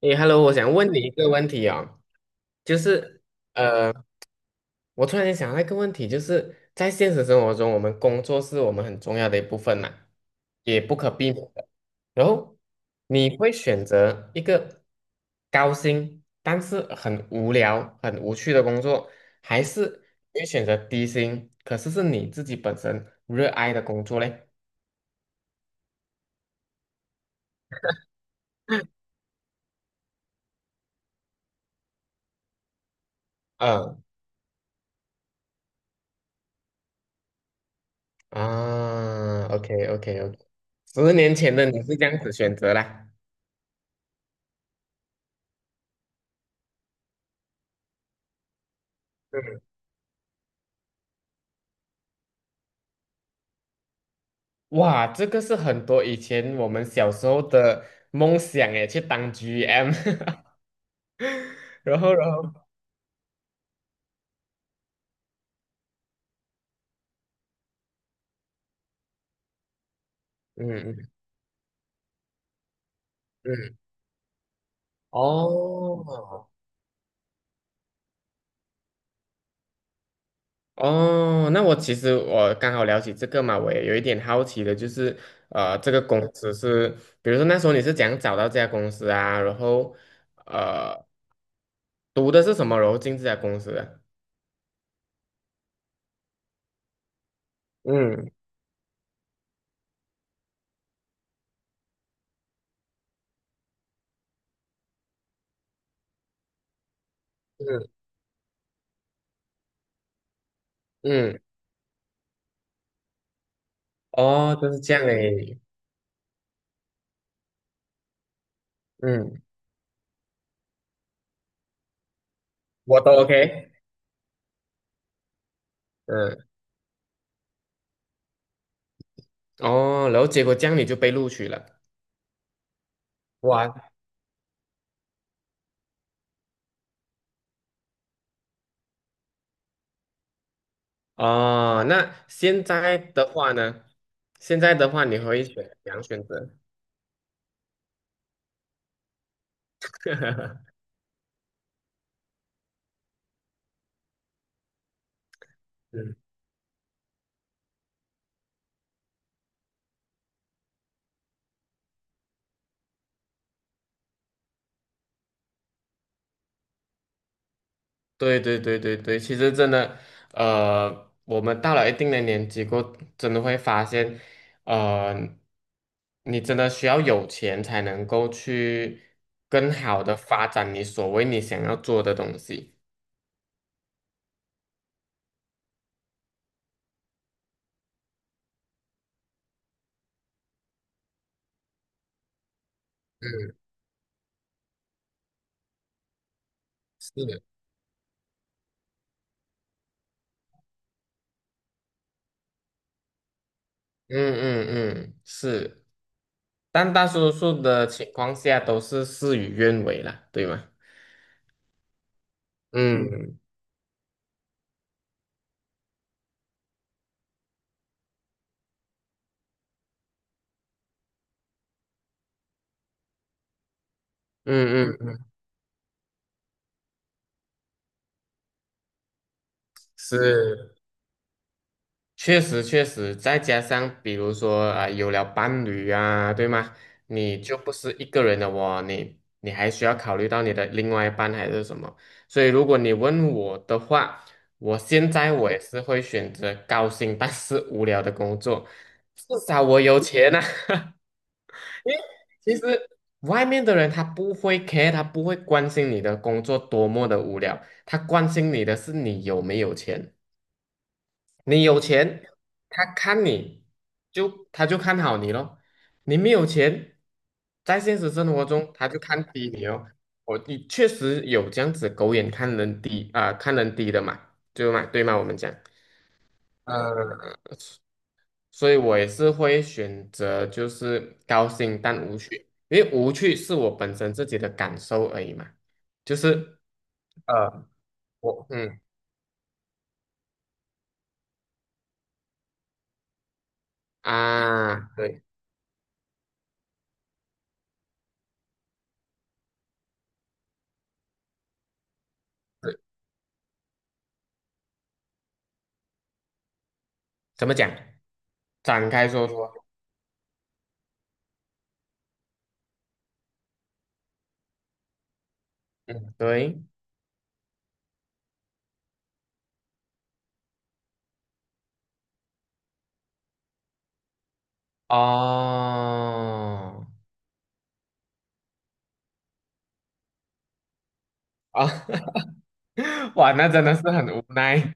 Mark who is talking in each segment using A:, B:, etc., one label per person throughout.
A: 诶，Hello，我想问你一个问题哦，就是呃，我突然间想到一个问题，就是在现实生活中，我们工作是我们很重要的一部分嘛，也不可避免的。然后你会选择一个高薪但是很无聊、很无趣的工作，还是你会选择低薪，可是是你自己本身热爱的工作嘞？嗯啊，OK OK OK，10年前的你是这样子选择啦。嗯，哇，这个是很多以前我们小时候的梦想诶，去当 GM，然后，嗯嗯嗯，哦哦，那我其实我刚好聊起这个嘛，我也有一点好奇的，就是这个公司是，比如说那时候你是怎样找到这家公司啊？然后呃，读的是什么？然后进这家公司的？嗯嗯嗯，哦，就是这样诶，嗯，我都 OK，嗯。哦，然后结果这样你就被录取了。哇，哦，那现在的话呢？现在的话，你可以选两选择？嗯对对对对对，其实真的，我们到了一定的年纪过后，真的会发现，呃，你真的需要有钱才能够去更好的发展你所谓你想要做的东西。是。的。嗯嗯嗯，是。但大多数的情况下都是事与愿违了，对吗？嗯嗯嗯嗯，嗯是，确实确实，再加上比如说啊、有了伴侣啊，对吗？你就不是一个人的哦，你还需要考虑到你的另外一半还是什么。所以如果你问我的话，现在我也是会选择高薪但是无聊的工作，至少我有钱呐。因为其实外面的人他不会 care，他不会关心你的工作多么的无聊，他关心你的是你有没有钱。你有钱，他看你就他就看好你咯。你没有钱，在现实生活中他就看低你哦。你确实有这样子狗眼看人低啊、看人低的嘛，对吗？对吗？我们讲。所以我也是会选择就是高兴但无趣，因为无趣是我本身自己的感受而已嘛，就是呃，我嗯啊，对对，怎么讲？展开说说，嗯，对，哦，啊，哇，那真的是很无奈，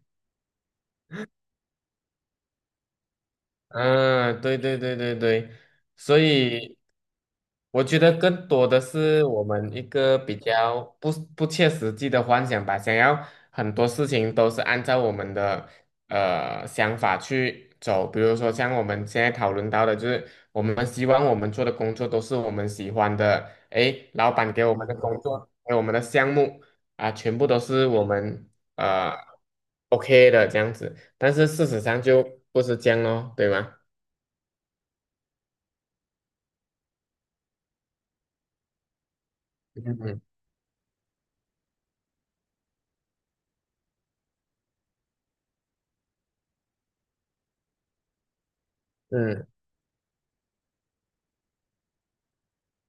A: 嗯，对对对对对，所以我觉得更多的是我们一个比较不切实际的幻想吧，想要很多事情都是按照我们的想法去走，比如说像我们现在讨论到的，就是我们希望我们做的工作都是我们喜欢的，诶，老板给我们的工作，给我们的项目啊，全部都是我们呃 OK 的这样子。但是事实上就不是这样咯，对吗？嗯嗯，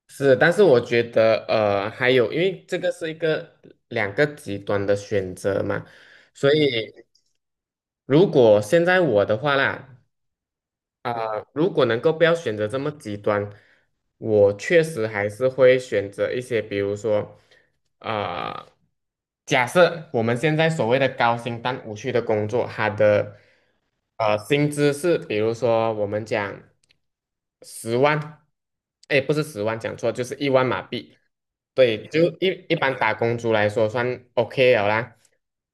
A: 是，但是我觉得还有，因为这个是一个两个极端的选择嘛，所以如果现在我的话啦，啊、如果能够不要选择这么极端，我确实还是会选择一些，比如说，啊、假设我们现在所谓的高薪但无趣的工作，它的薪资是，比如说我们讲十万，哎，不是十万，讲错，就是1万马币，对，就一般打工族来说算 OK 了啦。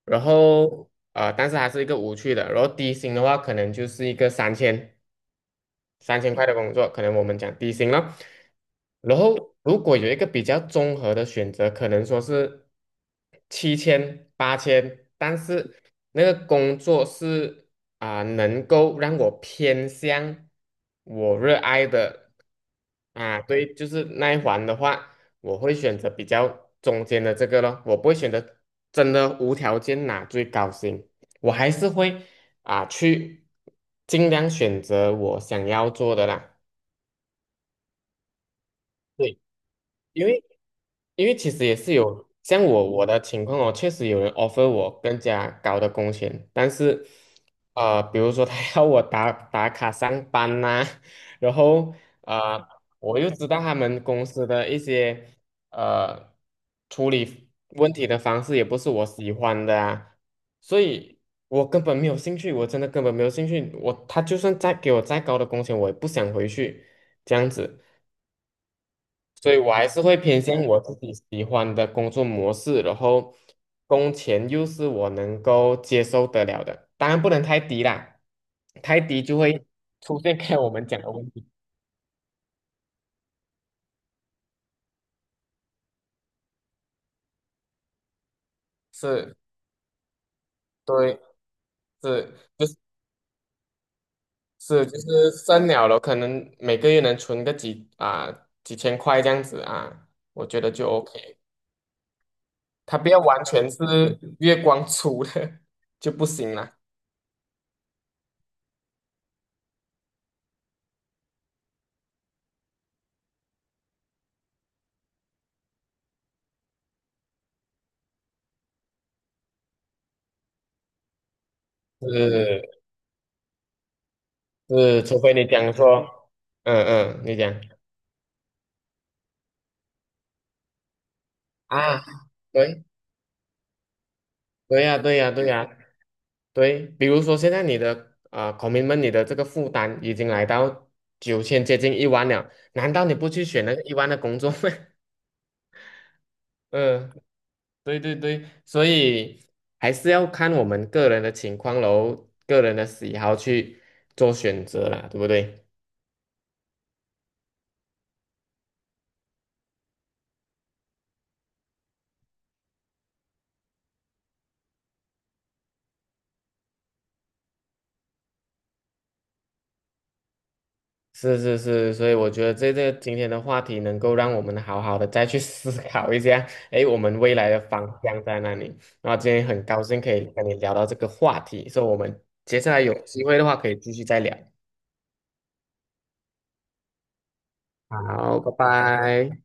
A: 然后但是还是一个无趣的，然后低薪的话，可能就是一个三千。3000块的工作，可能我们讲低薪了。然后如果有一个比较综合的选择，可能说是7000、8000，但是那个工作是啊、能够让我偏向我热爱的啊，对，就是那一环的话，我会选择比较中间的这个咯，我不会选择真的无条件拿最高薪，我还是会。啊，去尽量选择我想要做的啦。对，因为因为其实也是有像我的情况哦，确实有人 offer 我更加高的工钱，但是，比如说他 要我打打卡上班呐、然后呃，我又知道他们公司的一些呃处理问题的方式也不是我喜欢的啊，所以我根本没有兴趣，我真的根本没有兴趣，他就算再给我再高的工钱，我也不想回去这样子。所以我还是会偏向我自己喜欢的工作模式，然后工钱又是我能够接受得了的，当然不能太低啦，太低就会出现 刚才我们讲的问题。是，对，是，就是剩了，可能每个月能存个几啊、几千块这样子啊，我觉得就 OK，它不要完全是月光族的 就不行啦。是是，除非你讲说，嗯嗯，你讲。啊，对，对呀，对呀，对呀，对。比如说，现在你的啊，c o m 你的这个负担已经来到9000，接近一万了，难道你不去选那个一万的工作吗？嗯，对对对，所以还是要看我们个人的情况喽，个人的喜好去做选择啦，对不对？是是是，所以我觉得这个今天的话题能够让我们好好的再去 思考一下，诶，我们未来的方向在哪里？然后今天很高兴可以跟你聊到这个话题，所以我们接下来有机会的话可以继续再聊。好，拜拜。